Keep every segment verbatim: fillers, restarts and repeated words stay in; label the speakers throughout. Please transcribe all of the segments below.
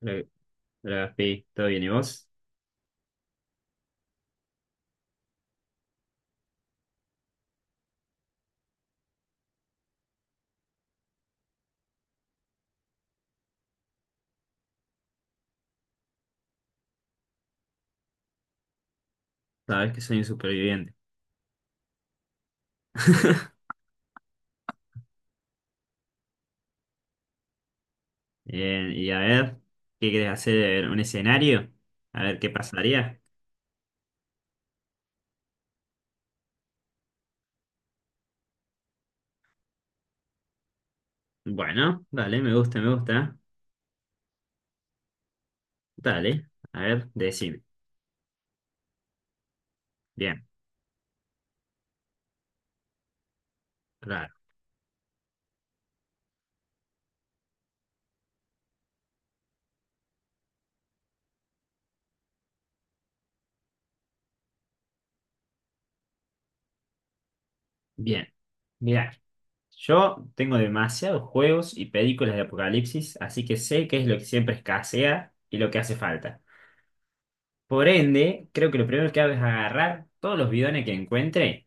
Speaker 1: Hola, hola, Gaspi, ¿todo bien? ¿Y vos? Sabés que soy un superviviente. Bien, y a ver, ¿qué querés hacer? ¿Un escenario? A ver qué pasaría. Bueno, dale, me gusta, me gusta. Dale, a ver, decime. Bien, claro. Bien, mirá. Yo tengo demasiados juegos y películas de apocalipsis, así que sé qué es lo que siempre escasea y lo que hace falta. Por ende, creo que lo primero que hago es agarrar todos los bidones que encuentre.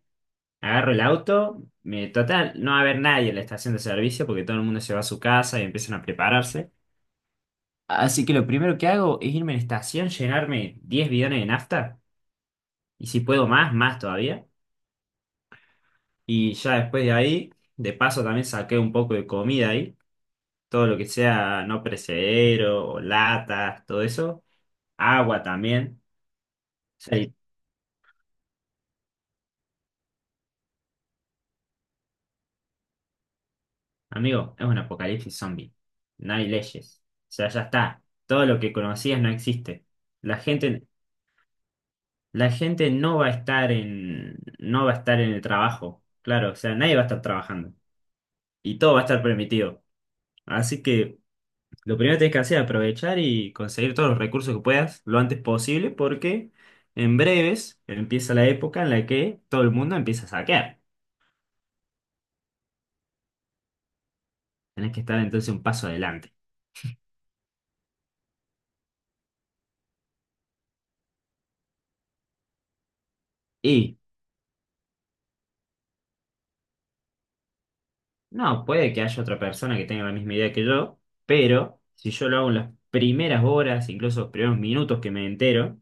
Speaker 1: Agarro el auto, me, total, no va a haber nadie en la estación de servicio porque todo el mundo se va a su casa y empiezan a prepararse. Así que lo primero que hago es irme a la estación, llenarme diez bidones de nafta, y si puedo más, más todavía. Y ya después de ahí, de paso también saqué un poco de comida ahí, todo lo que sea no perecedero o latas, todo eso. Agua también. Sí, amigo, es un apocalipsis zombie. No hay leyes. O sea, ya está. Todo lo que conocías no existe. La gente. la gente no va a estar en, no va a estar en el trabajo, claro, o sea, nadie va a estar trabajando y todo va a estar permitido. Así que lo primero que tienes que hacer es aprovechar y conseguir todos los recursos que puedas lo antes posible porque en breves empieza la época en la que todo el mundo empieza a saquear. Tenés que estar entonces un paso adelante. Y no, puede que haya otra persona que tenga la misma idea que yo, pero si yo lo hago en las primeras horas, incluso los primeros minutos que me entero,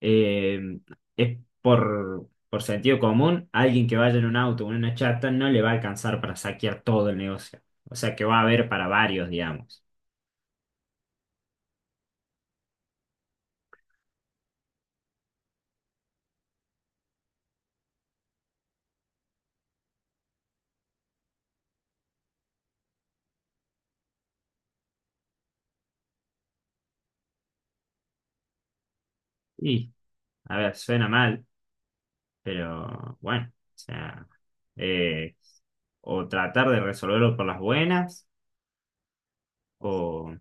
Speaker 1: eh, es por, por sentido común, alguien que vaya en un auto o en una chata no le va a alcanzar para saquear todo el negocio. O sea que va a haber para varios, digamos. Y, a ver, suena mal, pero bueno, o sea, eh, o tratar de resolverlo por las buenas, o,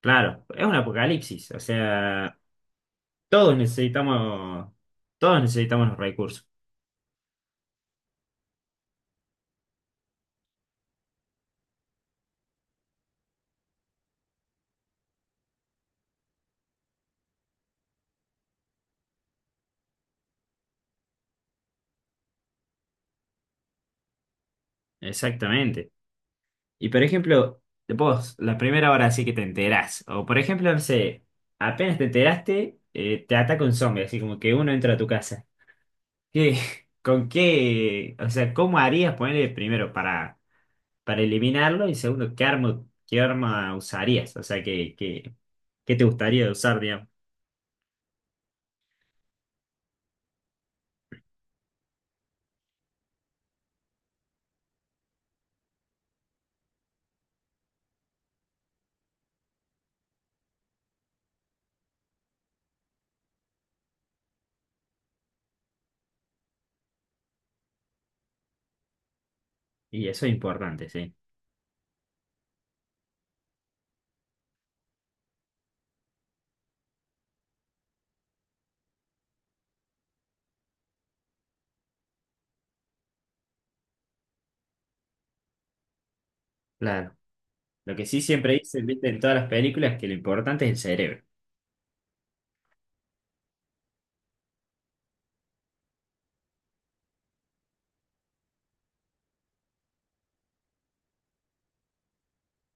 Speaker 1: claro, es un apocalipsis, o sea, todos necesitamos, todos necesitamos los recursos. Exactamente. Y por ejemplo, vos, la primera hora así que te enterás, o por ejemplo, no sé, apenas te enteraste, eh, te ataca un zombie, así como que uno entra a tu casa. ¿Qué, con qué, o sea, cómo harías ponerle primero para, para eliminarlo y segundo, qué arma, qué arma usarías? O sea, qué, qué, qué te gustaría usar, digamos. Y eso es importante, sí. Claro. Lo que sí siempre dicen, viste, en todas las películas, que lo importante es el cerebro.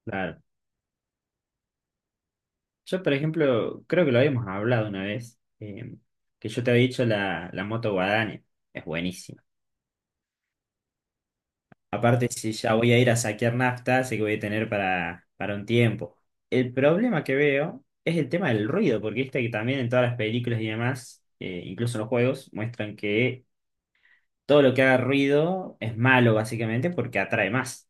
Speaker 1: Claro. Yo, por ejemplo, creo que lo habíamos hablado una vez, eh, que yo te había dicho la, la moto guadaña. Es buenísima. Aparte, si ya voy a ir a saquear nafta, sé que voy a tener para, para un tiempo. El problema que veo es el tema del ruido, porque viste que también en todas las películas y demás, eh, incluso en los juegos, muestran que todo lo que haga ruido es malo, básicamente, porque atrae más.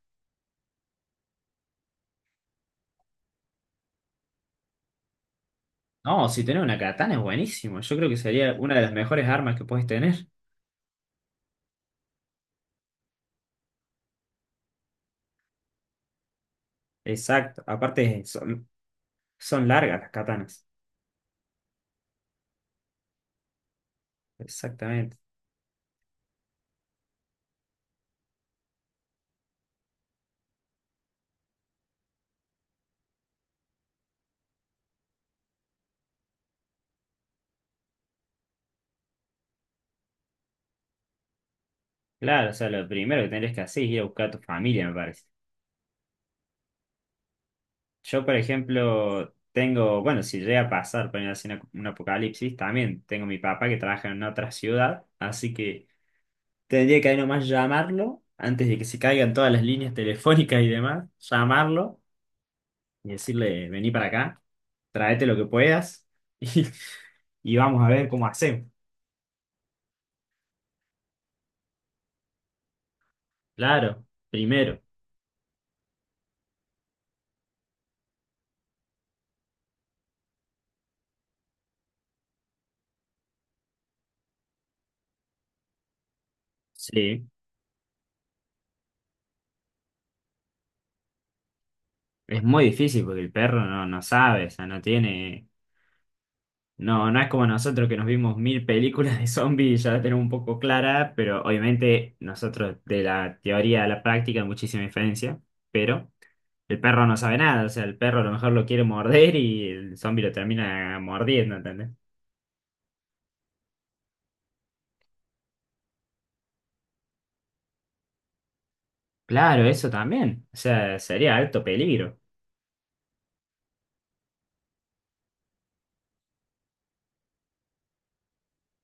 Speaker 1: No, si tenés una katana es buenísimo. Yo creo que sería una de las mejores armas que puedes tener. Exacto. Aparte, son, son largas las katanas. Exactamente. Claro, o sea, lo primero que tendrías que hacer es ir a buscar a tu familia, me parece. Yo, por ejemplo, tengo, bueno, si llega a pasar, poner así una- un apocalipsis, también tengo mi papá que trabaja en otra ciudad, así que tendría que ahí nomás llamarlo antes de que se caigan todas las líneas telefónicas y demás, llamarlo y decirle, vení para acá, tráete lo que puedas y, y vamos a ver cómo hacemos. Claro, primero. Sí, es muy difícil porque el perro no, no sabe, o sea, no tiene. No, no es como nosotros que nos vimos mil películas de zombies y ya la tenemos un poco clara, pero obviamente nosotros de la teoría a la práctica hay muchísima diferencia, pero el perro no sabe nada, o sea, el perro a lo mejor lo quiere morder y el zombie lo termina mordiendo, ¿entendés? Claro, eso también, o sea, sería alto peligro.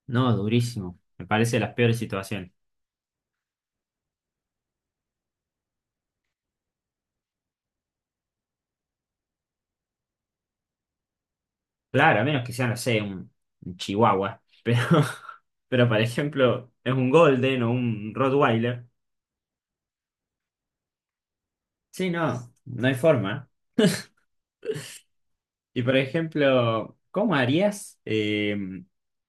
Speaker 1: No, durísimo, me parece de las peores situaciones. Claro, a menos que sea, no sé, un, un chihuahua, pero, pero por ejemplo, es un golden o un rottweiler. Sí, no, no hay forma. Y por ejemplo, ¿cómo harías? em,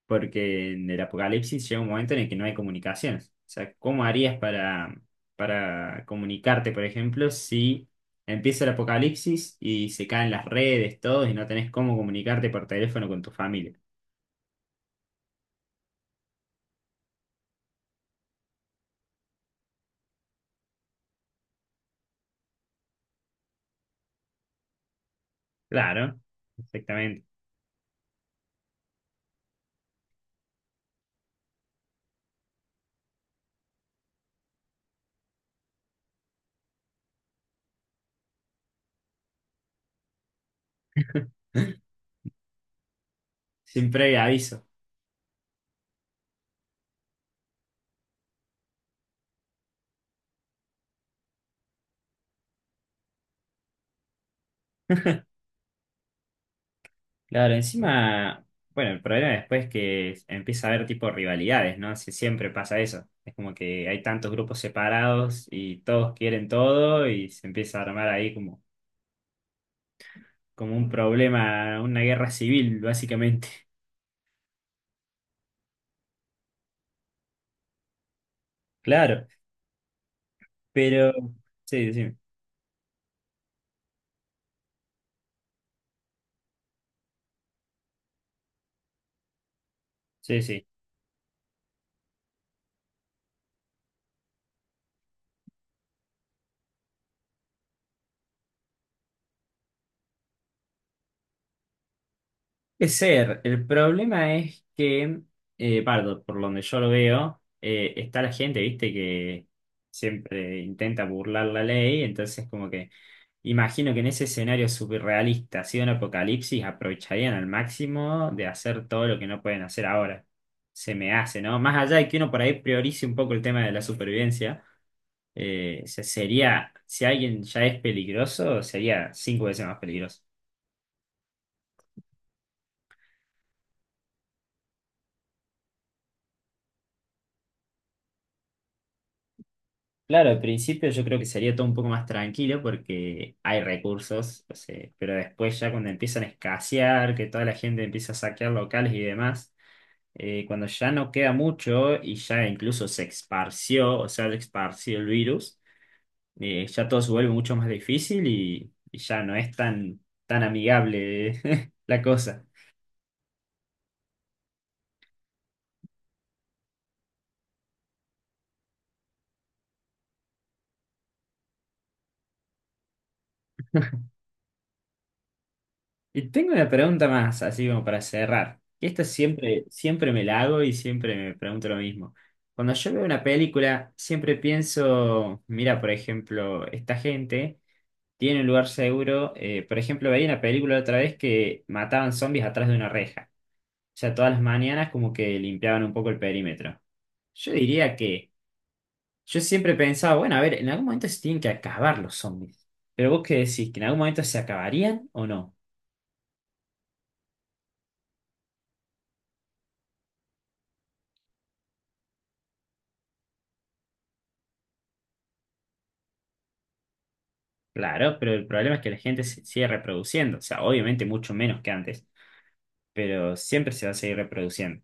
Speaker 1: porque en el apocalipsis llega un momento en el que no hay comunicaciones. O sea, ¿cómo harías para, para comunicarte, por ejemplo, si empieza el apocalipsis y se caen las redes, todo, y no tenés cómo comunicarte por teléfono con tu familia? Claro, exactamente. Sin previo aviso. Claro, encima, bueno, el problema después es que empieza a haber tipo rivalidades, ¿no? Si siempre pasa eso. Es como que hay tantos grupos separados y todos quieren todo y se empieza a armar ahí como, como un problema, una guerra civil, básicamente. Claro, pero sí, decime. Sí, sí. Es ser, el problema es que, eh, Pardo, por donde yo lo veo, eh, está la gente, viste, que siempre intenta burlar la ley, entonces como que. Imagino que en ese escenario surrealista, si de un apocalipsis, aprovecharían al máximo de hacer todo lo que no pueden hacer ahora. Se me hace, ¿no? Más allá de que uno por ahí priorice un poco el tema de la supervivencia, eh, se- sería, si alguien ya es peligroso, sería cinco veces más peligroso. Claro, al principio yo creo que sería todo un poco más tranquilo porque hay recursos, o sea, pero después ya cuando empiezan a escasear, que toda la gente empieza a saquear locales y demás. Eh, cuando ya no queda mucho y ya incluso se esparció, o sea, se esparció el virus, eh, ya todo se vuelve mucho más difícil y, y ya no es tan, tan amigable la cosa. Y tengo una pregunta más, así como para cerrar. Y esta siempre, siempre me la hago y siempre me pregunto lo mismo. Cuando yo veo una película, siempre pienso, mira, por ejemplo, esta gente tiene un lugar seguro. Eh, por ejemplo, veía una película otra vez que mataban zombies atrás de una reja. O sea, todas las mañanas como que limpiaban un poco el perímetro. Yo diría que yo siempre pensaba, bueno, a ver, en algún momento se tienen que acabar los zombies. Pero vos qué decís, que en algún momento se acabarían o no. Claro, pero el problema es que la gente se sigue reproduciendo. O sea, obviamente mucho menos que antes, pero siempre se va a seguir reproduciendo.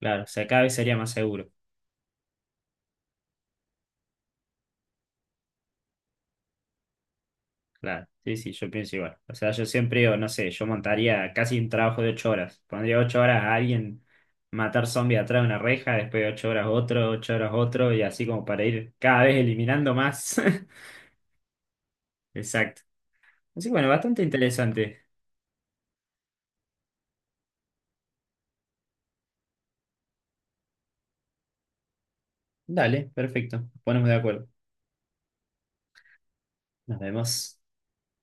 Speaker 1: Claro, o sea, cada vez sería más seguro. Claro, sí, sí, yo pienso igual. O sea, yo siempre, o no sé, yo montaría casi un trabajo de ocho horas. Pondría ocho horas a alguien matar zombies atrás de una reja, después ocho horas otro, ocho horas otro, y así como para ir cada vez eliminando más. Exacto. Así que bueno, bastante interesante. Dale, perfecto. Nos Ponemos de acuerdo. Nos vemos.